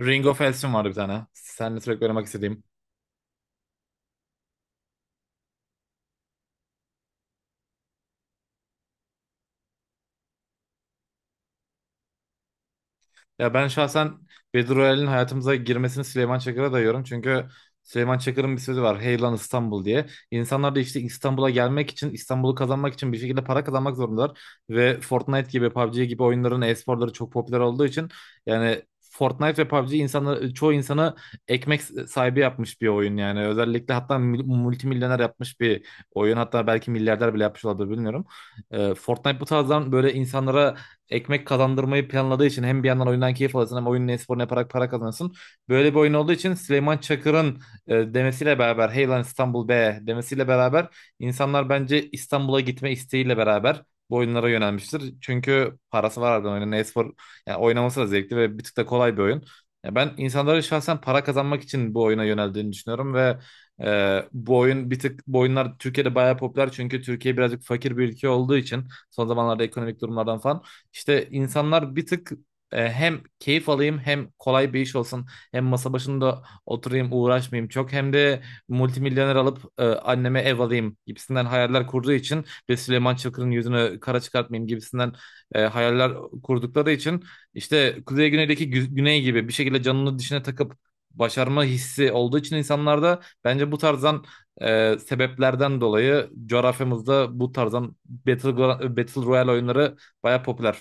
Ring of Elsin vardı bir tane. Seninle sürekli oynamak istediğim. Ya ben şahsen Battle Royale'in hayatımıza girmesini Süleyman Çakır'a dayıyorum. Çünkü Süleyman Çakır'ın bir sözü var. Hey lan İstanbul diye. İnsanlar da işte İstanbul'a gelmek için, İstanbul'u kazanmak için bir şekilde para kazanmak zorundalar. Ve Fortnite gibi, PUBG gibi oyunların e-sporları çok popüler olduğu için yani Fortnite ve PUBG insanları, çoğu insanı ekmek sahibi yapmış bir oyun yani. Özellikle hatta multimilyoner yapmış bir oyun. Hatta belki milyarder bile yapmış olabilir bilmiyorum. Fortnite bu tarzdan böyle insanlara ekmek kazandırmayı planladığı için hem bir yandan oyundan keyif alırsın hem oyunun esporunu yaparak para kazanırsın. Böyle bir oyun olduğu için Süleyman Çakır'ın demesiyle beraber hey lan İstanbul be demesiyle beraber insanlar bence İstanbul'a gitme isteğiyle beraber bu oyunlara yönelmiştir. Çünkü parası var, ardından oyunun espor yani oynaması da zevkli ve bir tık da kolay bir oyun. Ya ben insanların şahsen para kazanmak için bu oyuna yöneldiğini düşünüyorum ve bu oyun bir tık bu oyunlar Türkiye'de bayağı popüler, çünkü Türkiye birazcık fakir bir ülke olduğu için, son zamanlarda ekonomik durumlardan falan, işte insanlar bir tık, hem keyif alayım, hem kolay bir iş olsun, hem masa başında oturayım uğraşmayayım çok, hem de multimilyoner alıp anneme ev alayım gibisinden hayaller kurduğu için ve Süleyman Çakır'ın yüzünü kara çıkartmayayım gibisinden hayaller kurdukları için, işte Kuzey Güney'deki Güney gibi bir şekilde canını dişine takıp başarma hissi olduğu için insanlarda, bence bu tarzdan sebeplerden dolayı coğrafyamızda bu tarzdan Battle Royale oyunları baya popüler.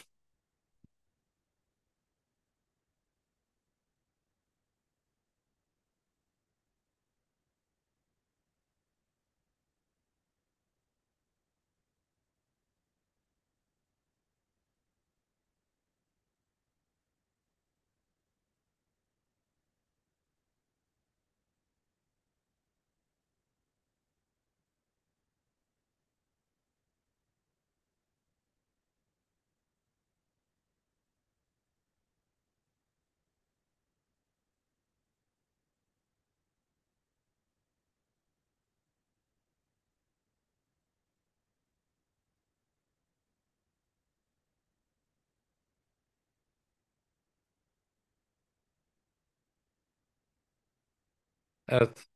Evet.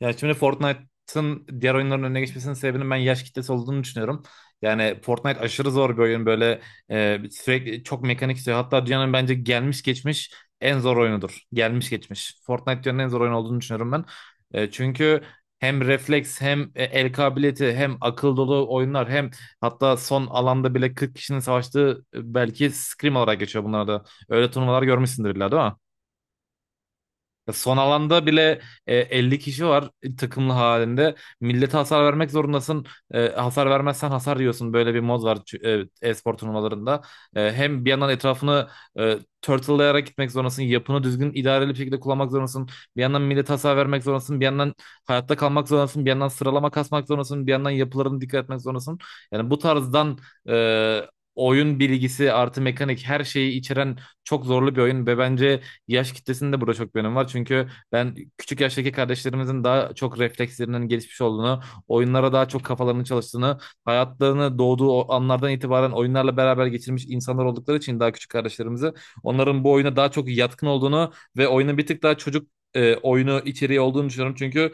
Yani şimdi Fortnite'ın diğer oyunların önüne geçmesinin sebebinin ben yaş kitlesi olduğunu düşünüyorum. Yani Fortnite aşırı zor bir oyun, böyle sürekli çok mekanik istiyor. Hatta dünyanın bence gelmiş geçmiş en zor oyunudur. Gelmiş geçmiş. Fortnite dünyanın en zor oyunu olduğunu düşünüyorum ben. Çünkü hem refleks, hem el kabiliyeti, hem akıl dolu oyunlar, hem hatta son alanda bile 40 kişinin savaştığı, belki scrim olarak geçiyor bunlarda. Öyle turnuvalar görmüşsündür illa, değil mi? Son alanda bile 50 kişi var, takımlı halinde. Millete hasar vermek zorundasın. E, hasar vermezsen hasar yiyorsun. Böyle bir mod var e-spor turnuvalarında. Hem bir yandan etrafını e, turtle'layarak gitmek zorundasın. Yapını düzgün, idareli bir şekilde kullanmak zorundasın. Bir yandan millete hasar vermek zorundasın. Bir yandan hayatta kalmak zorundasın. Bir yandan sıralama kasmak zorundasın. Bir yandan yapılarını dikkat etmek zorundasın. Yani bu tarzdan e, oyun bilgisi artı mekanik, her şeyi içeren çok zorlu bir oyun ve bence yaş kitlesinin de burada çok bir önemi var. Çünkü ben küçük yaştaki kardeşlerimizin daha çok reflekslerinin gelişmiş olduğunu, oyunlara daha çok kafalarının çalıştığını, hayatlarını doğduğu o anlardan itibaren oyunlarla beraber geçirmiş insanlar oldukları için, daha küçük kardeşlerimizi, onların bu oyuna daha çok yatkın olduğunu ve oyunun bir tık daha çocuk oyunu içeriği olduğunu düşünüyorum. Çünkü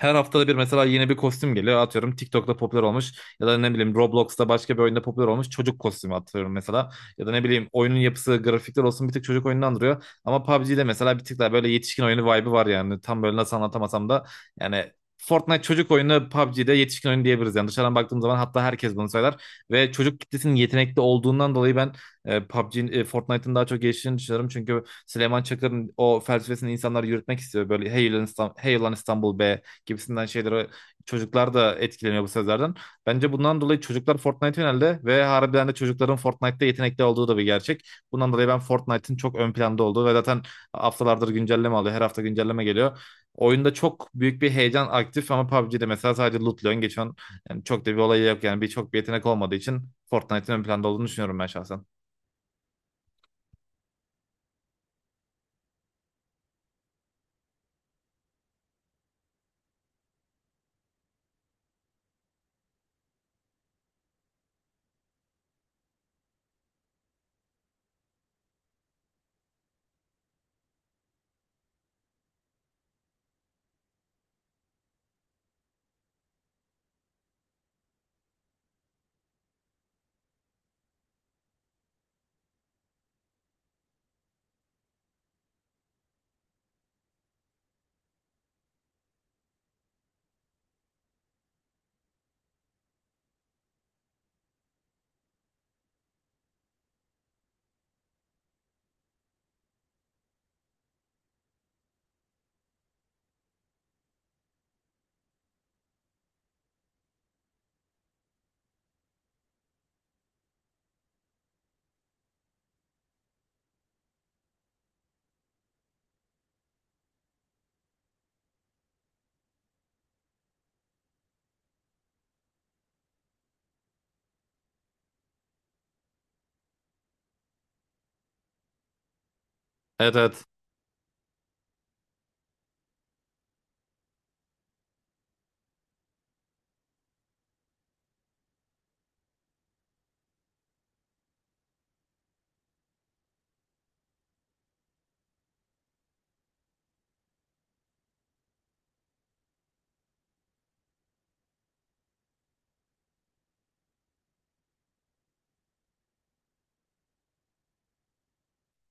her haftada bir mesela yeni bir kostüm geliyor. Atıyorum TikTok'ta popüler olmuş ya da ne bileyim Roblox'ta başka bir oyunda popüler olmuş çocuk kostümü atıyorum mesela. Ya da ne bileyim, oyunun yapısı, grafikler olsun bir tık çocuk oyununu andırıyor. Ama PUBG'de mesela bir tık daha böyle yetişkin oyunu vibe'ı var yani. Tam böyle nasıl anlatamasam da yani Fortnite çocuk oyunu, PUBG'de yetişkin oyunu diyebiliriz. Yani dışarıdan baktığım zaman hatta herkes bunu söyler. Ve çocuk kitlesinin yetenekli olduğundan dolayı ben Fortnite'ın daha çok geliştiğini düşünüyorum. Çünkü Süleyman Çakır'ın o felsefesini insanlar yürütmek istiyor. Böyle hey ulan İstanbul, hey ulan İstanbul be gibisinden şeylere çocuklar da etkileniyor bu sözlerden. Bence bundan dolayı çocuklar Fortnite yöneldi ve harbiden de çocukların Fortnite'da yetenekli olduğu da bir gerçek. Bundan dolayı ben Fortnite'ın çok ön planda olduğu ve zaten haftalardır güncelleme alıyor. Her hafta güncelleme geliyor. Oyunda çok büyük bir heyecan aktif, ama PUBG'de mesela sadece lootluyorsun, geçiyorsun. Yani çok da bir olayı yok yani, bir çok bir yetenek olmadığı için Fortnite'ın ön planda olduğunu düşünüyorum ben şahsen. Evet, evet.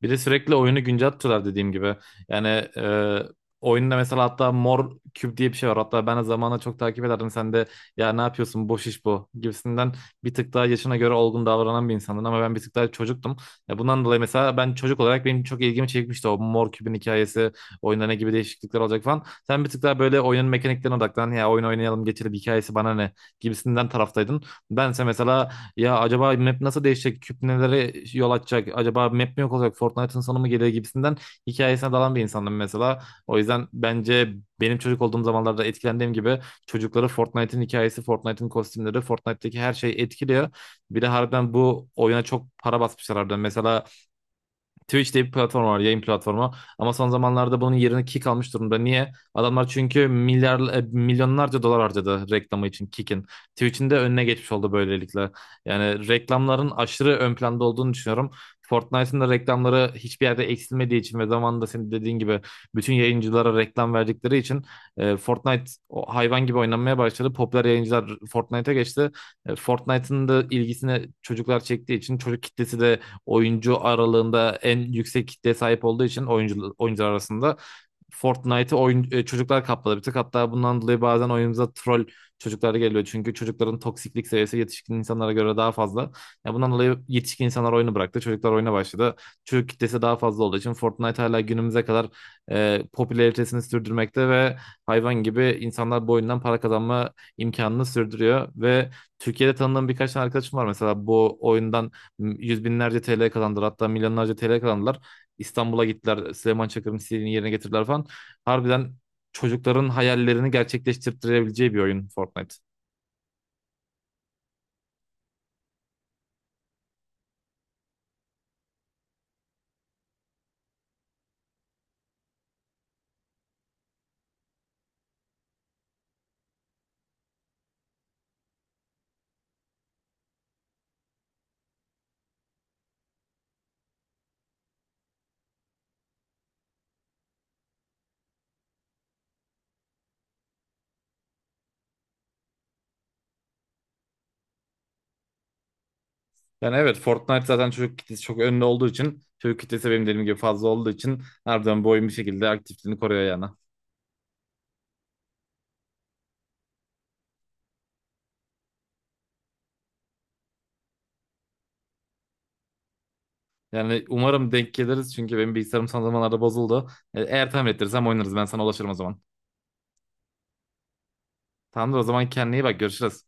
Bir de sürekli oyunu güncel, dediğim gibi. Yani e, oyunda mesela hatta mor küp diye bir şey var. Hatta ben de zamanla çok takip ederdim. Sen de ya ne yapıyorsun boş iş bu gibisinden, bir tık daha yaşına göre olgun davranan bir insandın. Ama ben bir tık daha çocuktum. Ya bundan dolayı mesela ben çocuk olarak, benim çok ilgimi çekmişti o mor küpün hikayesi. Oyunda ne gibi değişiklikler olacak falan. Sen bir tık daha böyle oyunun mekaniklerine odaklan, ya oyun oynayalım geçelim, hikayesi bana ne gibisinden taraftaydın. Bense mesela ya acaba map nasıl değişecek? Küp nelere yol açacak? Acaba map mi yok olacak? Fortnite'ın sonu mu gelir gibisinden hikayesine dalan bir insandım mesela. O yüzden bence benim çocuk olduğum zamanlarda etkilendiğim gibi çocukları Fortnite'ın hikayesi, Fortnite'ın kostümleri, Fortnite'daki her şey etkiliyor. Bir de harbiden bu oyuna çok para basmışlar harbiden. Mesela Twitch diye bir platform var, yayın platformu. Ama son zamanlarda bunun yerini Kick almış durumda. Niye? Adamlar çünkü milyonlarca dolar harcadı reklamı için Kick'in. Twitch'in de önüne geçmiş oldu böylelikle. Yani reklamların aşırı ön planda olduğunu düşünüyorum. Fortnite'ın da reklamları hiçbir yerde eksilmediği için ve zamanında senin dediğin gibi bütün yayıncılara reklam verdikleri için Fortnite o hayvan gibi oynanmaya başladı. Popüler yayıncılar Fortnite'a geçti. E, Fortnite'ın da ilgisini çocuklar çektiği için, çocuk kitlesi de oyuncu aralığında en yüksek kitleye sahip olduğu için, oyuncu, oyuncular arasında Fortnite'ı oyun, çocuklar kapladı bir tık. Hatta bundan dolayı bazen oyunumuza troll çocuklar geliyor. Çünkü çocukların toksiklik seviyesi yetişkin insanlara göre daha fazla. Ya bundan dolayı yetişkin insanlar oyunu bıraktı. Çocuklar oyuna başladı. Çocuk kitlesi daha fazla olduğu için Fortnite hala günümüze kadar popülaritesini sürdürmekte ve hayvan gibi insanlar bu oyundan para kazanma imkanını sürdürüyor ve Türkiye'de tanıdığım birkaç tane arkadaşım var, mesela bu oyundan yüz binlerce TL kazandılar, hatta milyonlarca TL kazandılar. İstanbul'a gittiler, Süleyman Çakır'ın istediğini yerine getirdiler falan. Harbiden çocukların hayallerini gerçekleştirebileceği bir oyun Fortnite. Yani evet, Fortnite zaten çocuk kitlesi çok önde olduğu için, çocuk kitlesi benim dediğim gibi fazla olduğu için, harbiden bu oyun bir şekilde aktifliğini koruyor yani. Yani umarım denk geliriz çünkü benim bilgisayarım son zamanlarda bozuldu. Eğer tamir ettirirsem oynarız, ben sana ulaşırım o zaman. Tamamdır, o zaman kendine iyi bak, görüşürüz.